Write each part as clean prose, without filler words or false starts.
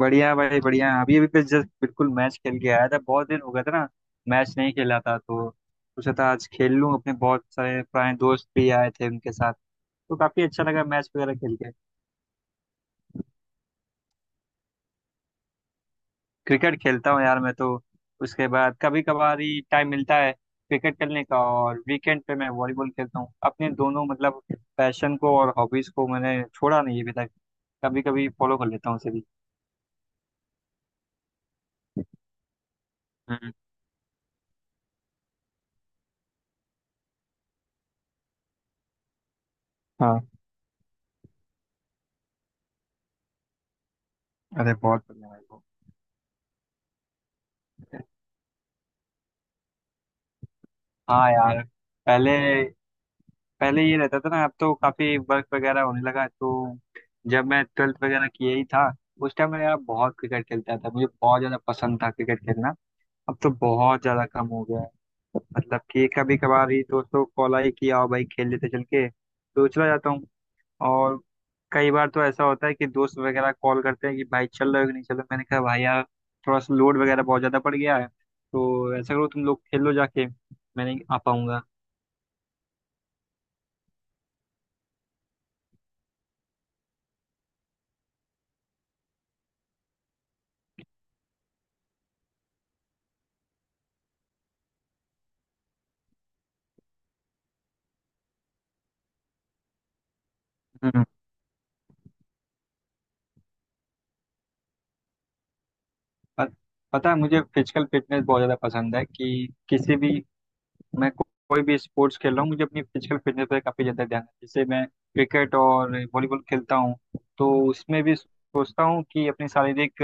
बढ़िया भाई, बढ़िया। अभी अभी बस जस्ट बिल्कुल मैच खेल के आया था। बहुत दिन हो गया था ना, मैच नहीं खेला था, तो सोचा था आज खेल लूँ। अपने बहुत सारे पुराने दोस्त भी आए थे, उनके साथ तो काफी अच्छा लगा मैच वगैरह खेल के। क्रिकेट खेलता हूँ यार मैं तो। उसके बाद कभी कभार ही टाइम मिलता है क्रिकेट खेलने का, और वीकेंड पे मैं वॉलीबॉल खेलता हूँ। अपने दोनों मतलब पैशन को और हॉबीज को मैंने छोड़ा नहीं अभी तक, कभी कभी फॉलो कर लेता हूँ उसे भी। हम्म। हाँ। अरे बहुत बढ़िया भाई, बहुत बढ़िया। हाँ यार। पहले पहले ये रहता था ना, अब तो काफी वर्क वगैरह होने लगा तो। जब मैं 12th वगैरह किया ही था उस टाइम मैं यार बहुत क्रिकेट खेलता था, मुझे बहुत ज्यादा पसंद था क्रिकेट खेलना। अब तो बहुत ज्यादा कम हो गया है। मतलब कि कभी कभार ही दोस्तों को कॉल आई कि आओ भाई खेल लेते, चल के तो चला जाता हूँ। और कई बार तो ऐसा होता है कि दोस्त वगैरह कॉल करते हैं कि भाई चल रहे हो कि नहीं चल रहे, मैंने कहा भाई यार थोड़ा सा लोड वगैरह बहुत ज्यादा पड़ गया है, तो ऐसा करो तुम लोग खेल लो जाके, मैं नहीं आ पाऊंगा। प- पता है, मुझे फिजिकल फिटनेस बहुत ज़्यादा पसंद है कि किसी भी मैं को, कोई भी स्पोर्ट्स खेल रहा हूँ मुझे अपनी फिजिकल फिटनेस पे काफ़ी ज़्यादा ध्यान है। जैसे मैं क्रिकेट और वॉलीबॉल खेलता हूँ तो उसमें भी सोचता हूँ कि अपनी शारीरिक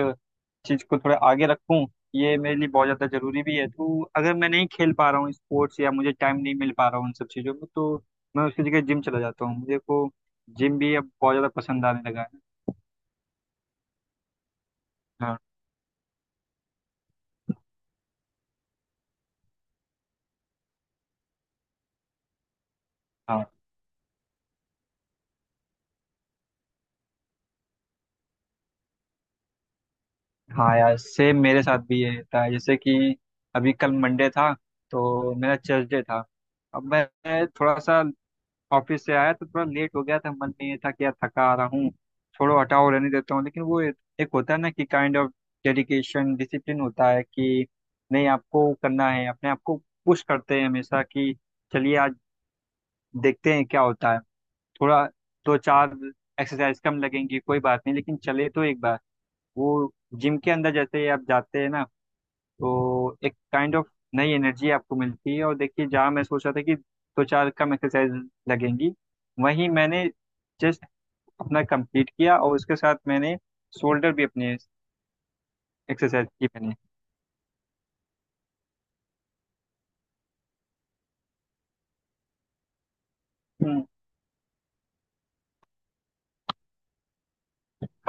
चीज़ को थोड़ा आगे रखूँ। ये मेरे लिए बहुत ज़्यादा ज़रूरी भी है, तो अगर मैं नहीं खेल पा रहा हूँ स्पोर्ट्स या मुझे टाइम नहीं मिल पा रहा हूँ उन सब चीज़ों में तो मैं उसकी जगह जिम चला जाता हूँ। मुझे को जिम भी अब बहुत ज़्यादा पसंद आने लगा है। हाँ। हाँ। हाँ यार सेम मेरे साथ भी ये होता है। जैसे कि अभी कल मंडे था तो मेरा चर्च डे था। अब मैं थोड़ा सा ऑफिस से आया तो थोड़ा लेट हो गया था, मन में ये था कि यार थका आ रहा हूँ, छोड़ो हटाओ रहने देता हूँ। लेकिन वो एक होता है ना कि काइंड ऑफ डेडिकेशन डिसिप्लिन होता है कि नहीं, आपको करना है, अपने आप को पुश करते हैं हमेशा कि चलिए आज देखते हैं क्या होता है। थोड़ा दो चार एक्सरसाइज कम लगेंगी कोई बात नहीं, लेकिन चले तो एक बार। वो जिम के अंदर जैसे ही आप जाते हैं ना, तो एक काइंड ऑफ नई एनर्जी आपको मिलती है। और देखिए, जहाँ मैं सोच रहा था कि दो चार कम एक्सरसाइज लगेंगी, वहीं मैंने जस्ट अपना कंप्लीट किया, और उसके साथ मैंने शोल्डर भी अपने एक्सरसाइज की मैंने। हम्म।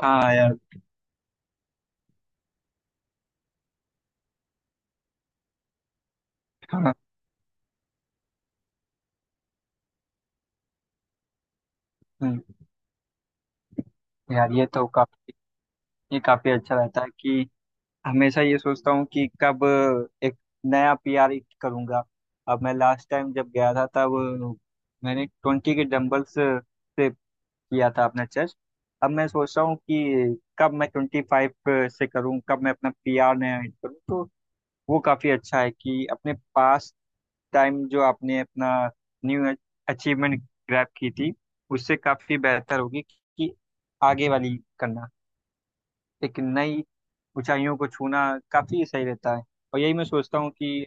हाँ यार। हाँ। हम्म। यार ये तो काफी, ये काफी अच्छा रहता है कि हमेशा ये सोचता हूँ कि कब एक नया पीआर हिट करूंगा। अब मैं लास्ट टाइम जब गया था तब मैंने 20 के डंबल्स से किया था अपना चेस्ट। अब मैं सोच रहा हूँ कि कब मैं 25 से करूँ, कब मैं अपना पी आर नया हिट करूँ। तो वो काफ़ी अच्छा है कि अपने पास टाइम जो आपने अपना न्यू अचीवमेंट ग्रैब की थी उससे काफ़ी बेहतर होगी कि आगे वाली करना, एक नई ऊंचाइयों को छूना काफ़ी सही रहता है। और यही मैं सोचता हूँ कि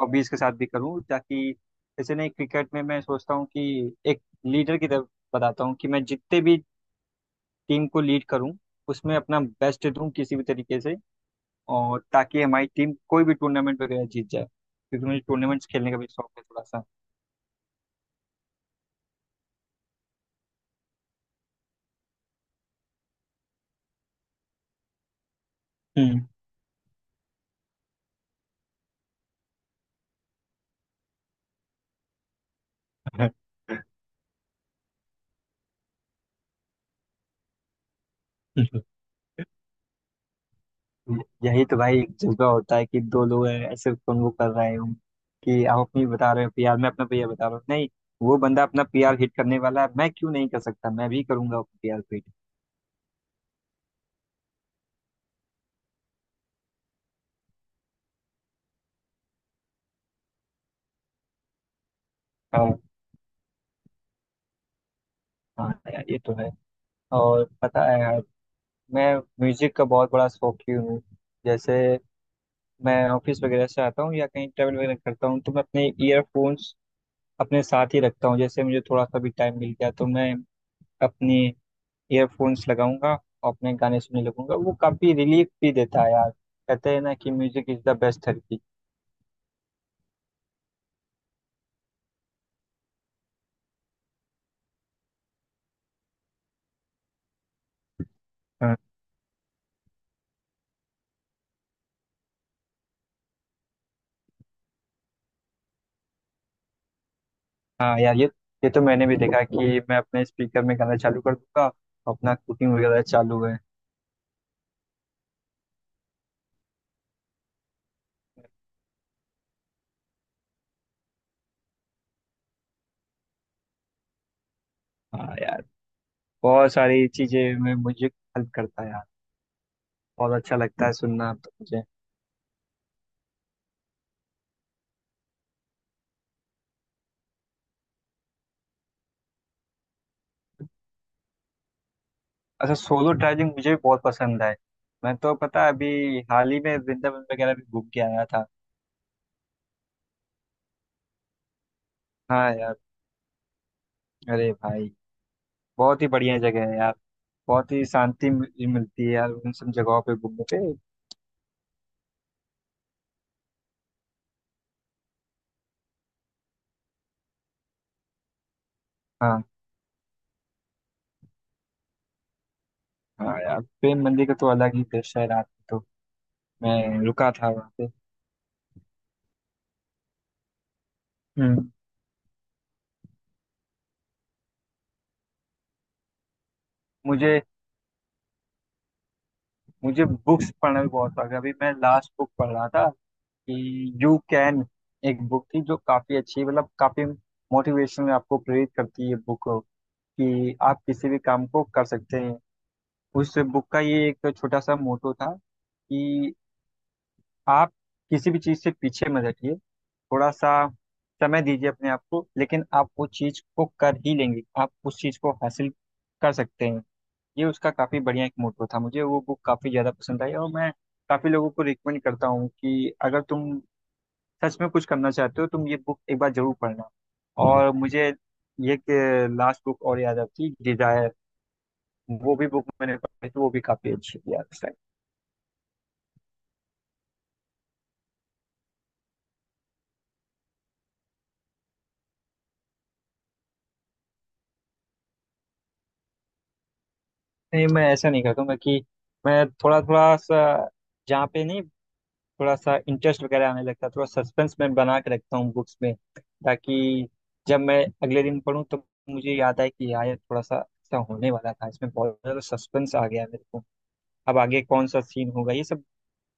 हॉबीज़ के साथ भी करूँ, ताकि जैसे नहीं, क्रिकेट में मैं सोचता हूँ कि एक लीडर की तरफ बताता हूँ कि मैं जितने भी टीम को लीड करूं उसमें अपना बेस्ट दूं किसी भी तरीके से, और ताकि हमारी टीम कोई भी टूर्नामेंट वगैरह जीत जाए, क्योंकि मुझे टूर्नामेंट्स खेलने का भी शौक है थोड़ा सा। हम्म। यही तो भाई एक जज्बा होता है कि दो लोग हैं, ऐसे कन्वो कर रहे हो कि आप अपनी बता रहे हो पीआर, मैं अपना पीआर बता रहा हूँ। नहीं, वो बंदा अपना पीआर हिट करने वाला है, मैं क्यों नहीं कर सकता, मैं भी करूंगा अपना पीआर हिट। हाँ। हाँ यार ये तो है। और पता है यार, मैं म्यूजिक का बहुत बड़ा शौकीन हूँ। जैसे मैं ऑफिस वगैरह से आता हूँ या कहीं ट्रैवल वगैरह करता हूँ तो मैं अपने ईयरफोन्स अपने साथ ही रखता हूँ। जैसे मुझे थोड़ा सा भी टाइम मिल गया तो मैं अपने ईयरफोन्स लगाऊंगा और अपने गाने सुनने लगूंगा। वो काफी रिलीफ भी देता है यार, कहते हैं ना कि music is the best therapy. हाँ। हाँ यार, ये तो मैंने भी देखा कि मैं अपने स्पीकर में गाना चालू कर दूंगा और अपना कुकिंग वगैरह चालू है। हाँ यार, बहुत सारी चीजें में म्यूजिक हेल्प करता है यार। बहुत अच्छा लगता है सुनना तो मुझे। अच्छा, सोलो ट्रैवलिंग मुझे भी बहुत पसंद है। मैं तो पता है, अभी हाल ही में वृंदावन वगैरह भी घूम के आया था। हाँ यार। अरे भाई, बहुत ही बढ़िया जगह है यार। बहुत ही शांति मिलती है यार उन सब जगहों पे घूमने पे। हाँ। हाँ यार, प्रेम मंदिर का तो अलग ही दृश्य है रात में तो। मैं रुका था वहाँ पे। हम्म। मुझे मुझे बुक्स पढ़ना भी बहुत शौक है। अभी मैं लास्ट बुक पढ़ रहा था कि यू कैन, एक बुक थी जो काफी अच्छी, मतलब काफी मोटिवेशन आपको प्रेरित करती है बुक कि आप किसी भी काम को कर सकते हैं। उस बुक का ये एक छोटा सा मोटो था कि आप किसी भी चीज़ से पीछे मत हटिए, थोड़ा सा समय दीजिए अपने आप को, लेकिन आप वो चीज़ को कर ही लेंगे, आप उस चीज़ को हासिल कर सकते हैं। ये उसका काफ़ी बढ़िया एक मोटो था। मुझे वो बुक काफ़ी ज़्यादा पसंद आई, और मैं काफ़ी लोगों को रिकमेंड करता हूँ कि अगर तुम सच में कुछ करना चाहते हो तुम ये बुक एक बार जरूर पढ़ना। और मुझे ये लास्ट बुक और याद आती डिजायर, वो भी बुक मैंने पढ़ी तो वो भी काफी अच्छी थी यार उस टाइम। नहीं, मैं ऐसा नहीं करता हूँ, मैं थोड़ा थोड़ा सा, जहाँ पे नहीं, थोड़ा सा इंटरेस्ट वगैरह आने लगता है, थोड़ा सस्पेंस मैं बना के रखता हूँ बुक्स में, ताकि जब मैं अगले दिन पढूं तो मुझे याद आए कि यार ये थोड़ा सा ऐसा होने वाला था, इसमें बहुत ज्यादा सस्पेंस आ गया है मेरे को, अब आगे कौन सा सीन होगा ये सब,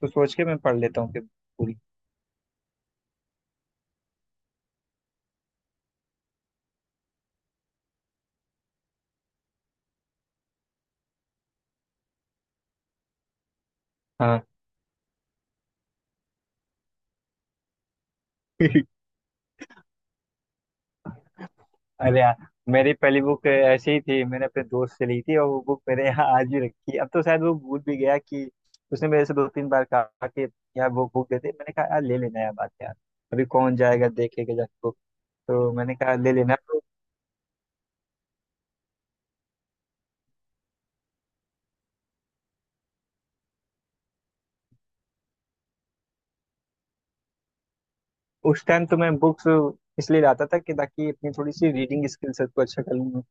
तो सोच के मैं पढ़ लेता हूँ फिर पूरी। हाँ। अरे यार, मेरी पहली बुक ऐसे ही थी, मैंने अपने दोस्त से ली थी और वो बुक मेरे यहाँ आज भी रखी है। अब तो शायद वो भूल भी गया कि उसने मेरे से दो तीन बार कहा कि यार वो बुक दे दे। मैंने कहा यार ले लेना यार, बात यार अभी कौन जाएगा देखेगा जाके बुक, तो मैंने कहा ले लेना तो। उस टाइम तो मैं बुक्स इसलिए लाता था कि ताकि अपनी थोड़ी सी रीडिंग स्किल सबको अच्छा कर लूँ,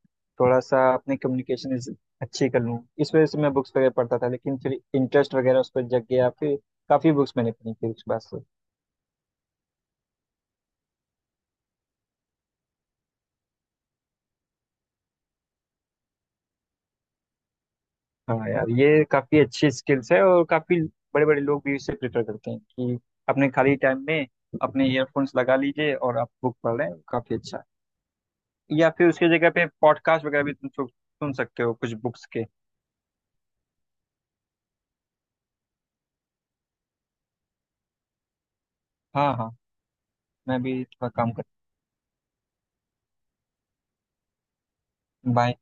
थोड़ा सा अपनी कम्युनिकेशन अच्छी कर लूँ। इस वजह से मैं बुक्स वगैरह पढ़ता था, लेकिन फिर इंटरेस्ट वगैरह उस पर जग गया, फिर काफ़ी बुक्स मैंने पढ़ी थी उसके बाद। हाँ यार, ये काफी अच्छी स्किल्स है, और काफी बड़े बड़े लोग भी इसे प्रेफर करते हैं कि अपने खाली टाइम में अपने ईयरफोन्स लगा लीजिए और आप बुक पढ़ लें, काफी अच्छा है। या फिर उसकी जगह पे पॉडकास्ट वगैरह भी तुम सुन सकते हो कुछ बुक्स के। हाँ। हाँ, मैं भी थोड़ा काम कर। बाय।